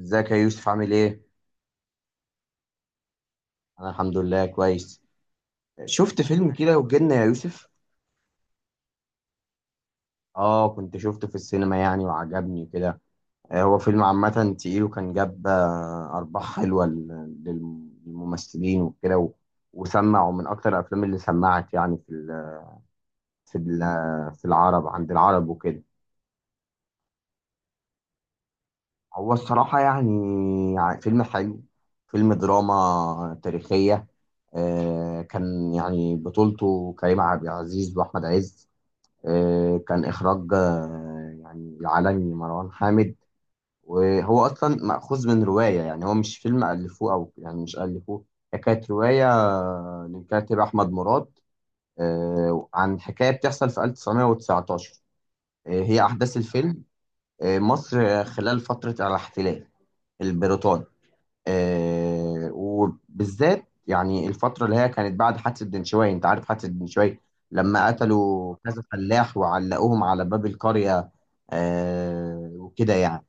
ازيك يا يوسف عامل ايه؟ انا الحمد لله كويس. شفت فيلم كده وجنة يا يوسف؟ اه كنت شفته في السينما يعني وعجبني كده. هو فيلم عامة تقيل وكان جاب أرباح حلوة للممثلين وكده وسمع ومن أكتر الأفلام اللي سمعت يعني في العرب عند العرب وكده. هو الصراحة يعني فيلم حلو، فيلم دراما تاريخية. كان يعني بطولته كريم عبد العزيز وأحمد عز. كان إخراج يعني العالمي مروان حامد. وهو أصلا مأخوذ من رواية، يعني هو مش فيلم ألفوه، أو يعني مش ألفوه. هي كانت رواية للكاتب أحمد مراد. عن حكاية بتحصل في 1919. هي أحداث الفيلم. مصر خلال فترة الاحتلال البريطاني. آه وبالذات يعني الفترة اللي هي كانت بعد حادثة دنشواي، انت عارف حادثة دنشواي، لما قتلوا كذا فلاح وعلقوهم على باب القرية. آه وكده يعني.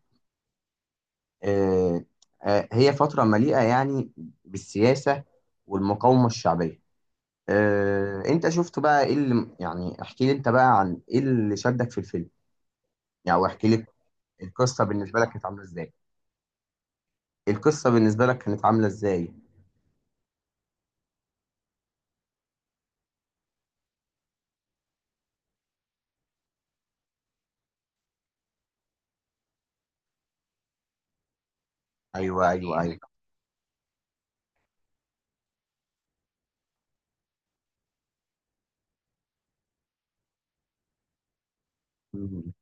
آه. آه، هي فترة مليئة يعني بالسياسة والمقاومة الشعبية. آه، انت شفت بقى ايه اللي يعني، احكي لي انت بقى عن ايه اللي شدك في الفيلم، يعني واحكي لي القصة بالنسبة لك كانت عاملة ازاي؟ القصة بالنسبة لك كانت عاملة ازاي؟ ايوه، ايوه، ايوه. مم.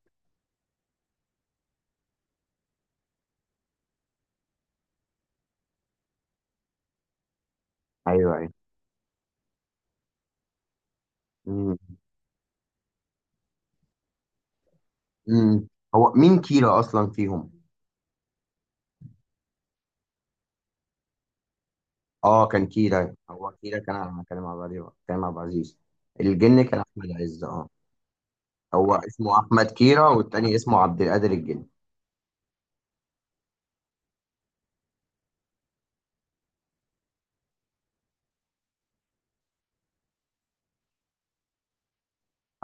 ايوه. مم. مم. هو مين كيرا اصلا فيهم؟ اه، كان كيرا، هو كيرا كان مع بعض. كان مع عبد العزيز. الجن كان احمد عز، اه. هو اسمه احمد كيرا والتاني اسمه عبد القادر الجن.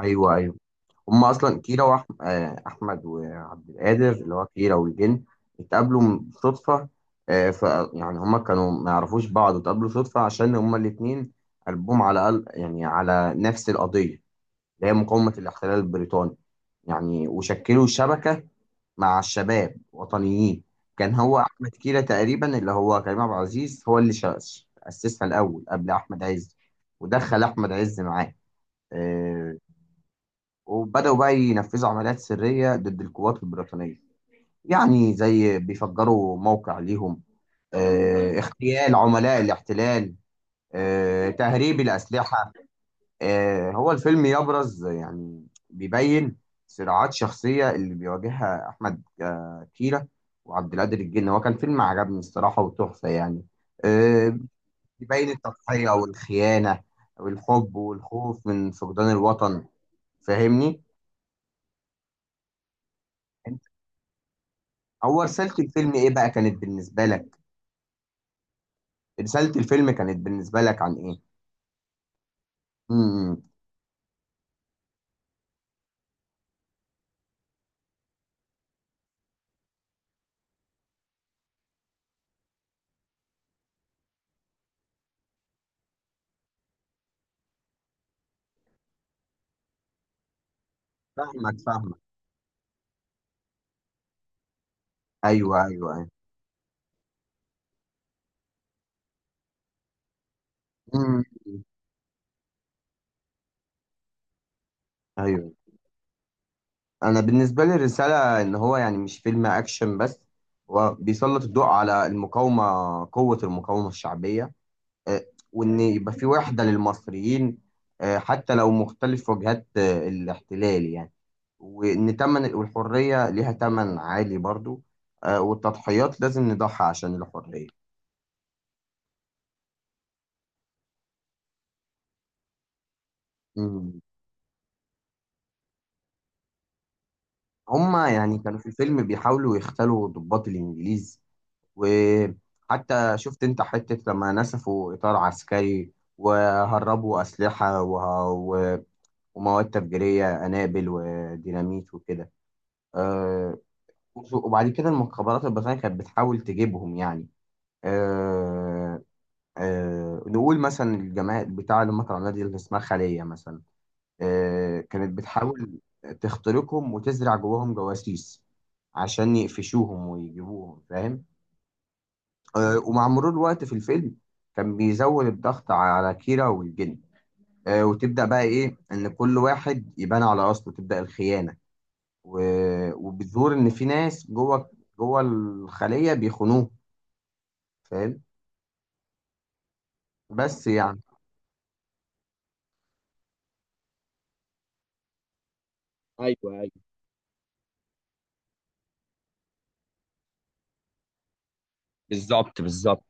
ايوه، ايوه. هما اصلا كيرا واحمد وعبد القادر، اللي هو كيرا والجن، اتقابلوا صدفه. آه، ف يعني هما كانوا ما يعرفوش بعض واتقابلوا صدفه، عشان هما الاتنين قلبهم على قلب، يعني على نفس القضيه، اللي هي مقاومه الاحتلال البريطاني. يعني وشكلوا شبكه مع الشباب وطنيين. كان هو احمد كيرة تقريبا، اللي هو كريم عبد العزيز، هو اللي اسسها الاول قبل احمد عز، ودخل احمد عز معاه. آه، وبداوا بقى ينفذوا عمليات سريه ضد القوات البريطانيه، يعني زي بيفجروا موقع ليهم، اغتيال عملاء الاحتلال، تهريب الاسلحه. هو الفيلم يبرز يعني بيبين صراعات شخصية اللي بيواجهها أحمد كيرة وعبد القادر الجن. هو كان فيلم عجبني الصراحة وتحفة يعني. آه، بيبين التضحية والخيانة والحب والخوف من فقدان الوطن. فاهمني؟ أنت- هو رسالة الفيلم إيه بقى كانت بالنسبة لك؟ رسالة الفيلم كانت بالنسبة لك عن إيه؟ امم. فاهمك فاهمك. أيوه، أيوه، أيوه. امم. أيوه. انا بالنسبه لي الرساله ان هو يعني مش فيلم اكشن بس، هو بيسلط الضوء على المقاومه، قوه المقاومه الشعبيه. آه، وان يبقى في وحده للمصريين، حتى لو مختلف وجهات الاحتلال يعني. وان تمن، والحريه ليها تمن عالي برضو. والتضحيات لازم نضحي عشان الحريه. مم. هما يعني كانوا في الفيلم بيحاولوا يختلوا ضباط الانجليز، وحتى شفت انت حتة لما نسفوا إطار عسكري وهربوا أسلحة ومواد تفجيرية، قنابل وديناميت وكده. أه... وبعد كده المخابرات البريطانية كانت بتحاول تجيبهم يعني. أه... نقول مثلا الجماعة بتاع اللي هم طلعوا نادي اللي اسمها خلية مثلا، كانت بتحاول تخترقهم وتزرع جواهم جواسيس عشان يقفشوهم ويجيبوهم، فاهم؟ ومع مرور الوقت في الفيلم كان بيزود الضغط على كيرا والجن. وتبدأ بقى إيه، إن كل واحد يبان على أصله، تبدأ الخيانة، وبتظهر إن في ناس جوه الخلية بيخونوه، فاهم؟ بس يعني. ايوه، ايوه. بالظبط بالظبط.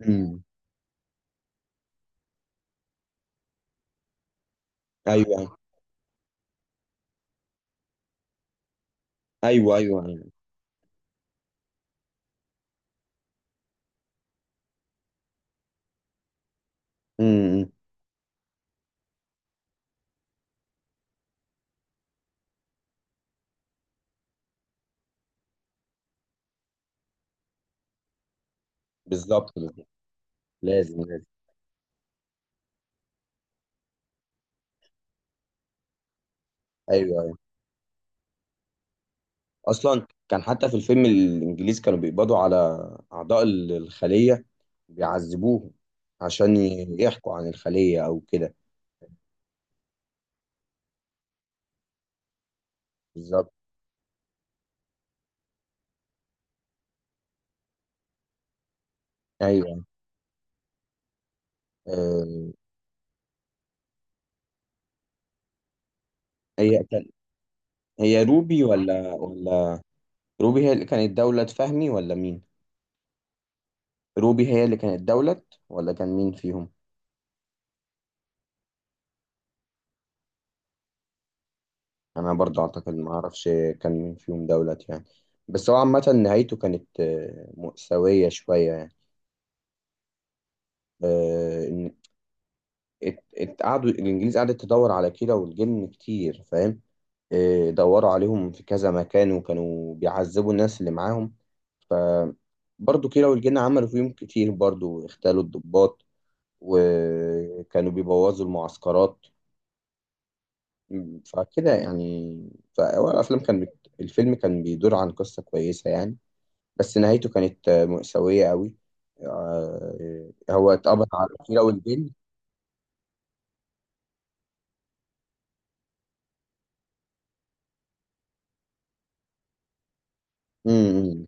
امم. ايوه، ايوه، ايوه، ايوه. امم. بالظبط بالظبط. لازم لازم. ايوه. اصلا كان حتى في الفيلم الانجليز كانوا بيقبضوا على اعضاء الخليه، بيعذبوهم عشان يحكوا عن الخليه او كده. بالظبط. ايوه. آه، هي كان، هي روبي ولا روبي هي اللي كانت دولة فهمي ولا مين؟ روبي هي اللي كانت دولة، ولا كان مين فيهم؟ انا برضه اعتقد، ما اعرفش كان مين فيهم دولة يعني. بس هو عامة نهايته كانت مأساوية شوية يعني. آه، قعدوا الانجليز، قعدت تدور على كيرة والجن كتير، فاهم؟ إيه، دوروا عليهم في كذا مكان وكانوا بيعذبوا الناس اللي معاهم. ف برضه كيرة والجن عملوا فيهم كتير برضه، اغتالوا الضباط وكانوا بيبوظوا المعسكرات. فكده يعني، فهو الافلام كان بت... الفيلم كان بيدور عن قصة كويسة يعني، بس نهايته كانت مأساوية قوي. هو اتقبض على كيرة والجن. امم. امم.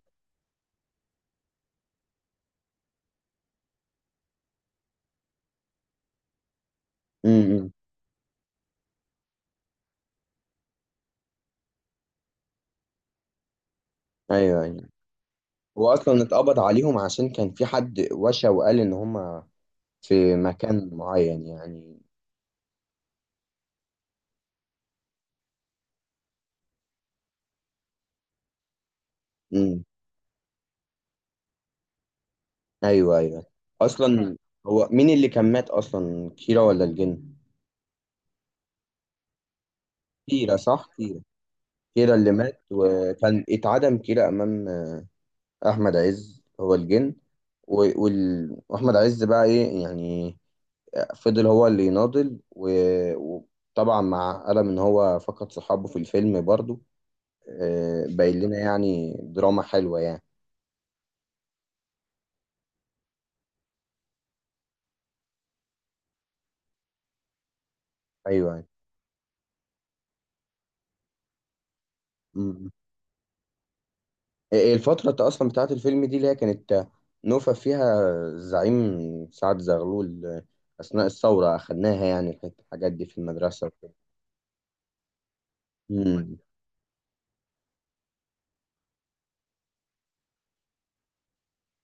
امم، امم. ايوه، أيوة. هو اصلا اتقبض عليهم عشان كان في حد وشى وقال ان هم في مكان معين يعني. امم. ايوه، ايوه. اصلا، هو مين اللي كان مات اصلا، كيرا ولا الجن؟ كيرا، صح، كيرا. كيرا اللي مات، وكان اتعدم كيرا امام. احمد عز هو الجن. واحمد عز بقى ايه يعني، فضل هو اللي يناضل، وطبعا مع ألم ان هو فقد صحابه في الفيلم برضو. باين لنا يعني دراما حلوة يعني. ايوه، ايوه. أمم. إيه الفترة اصلا بتاعت الفيلم دي، اللي هي كانت نوفا فيها الزعيم سعد زغلول اثناء الثورة؟ اخدناها يعني الحاجات دي في المدرسة وكده. أمم.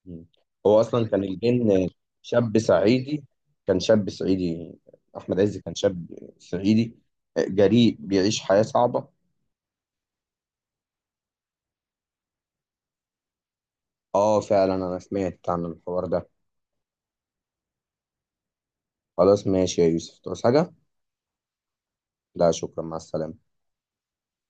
أمم. هو اصلا كان الجن شاب صعيدي. كان شاب صعيدي احمد عز كان شاب صعيدي، جريء، بيعيش حياة صعبة. اه فعلا، انا سمعت عن الحوار ده. خلاص ماشي يا يوسف، تعوز حاجة؟ لا شكرا، مع السلامة.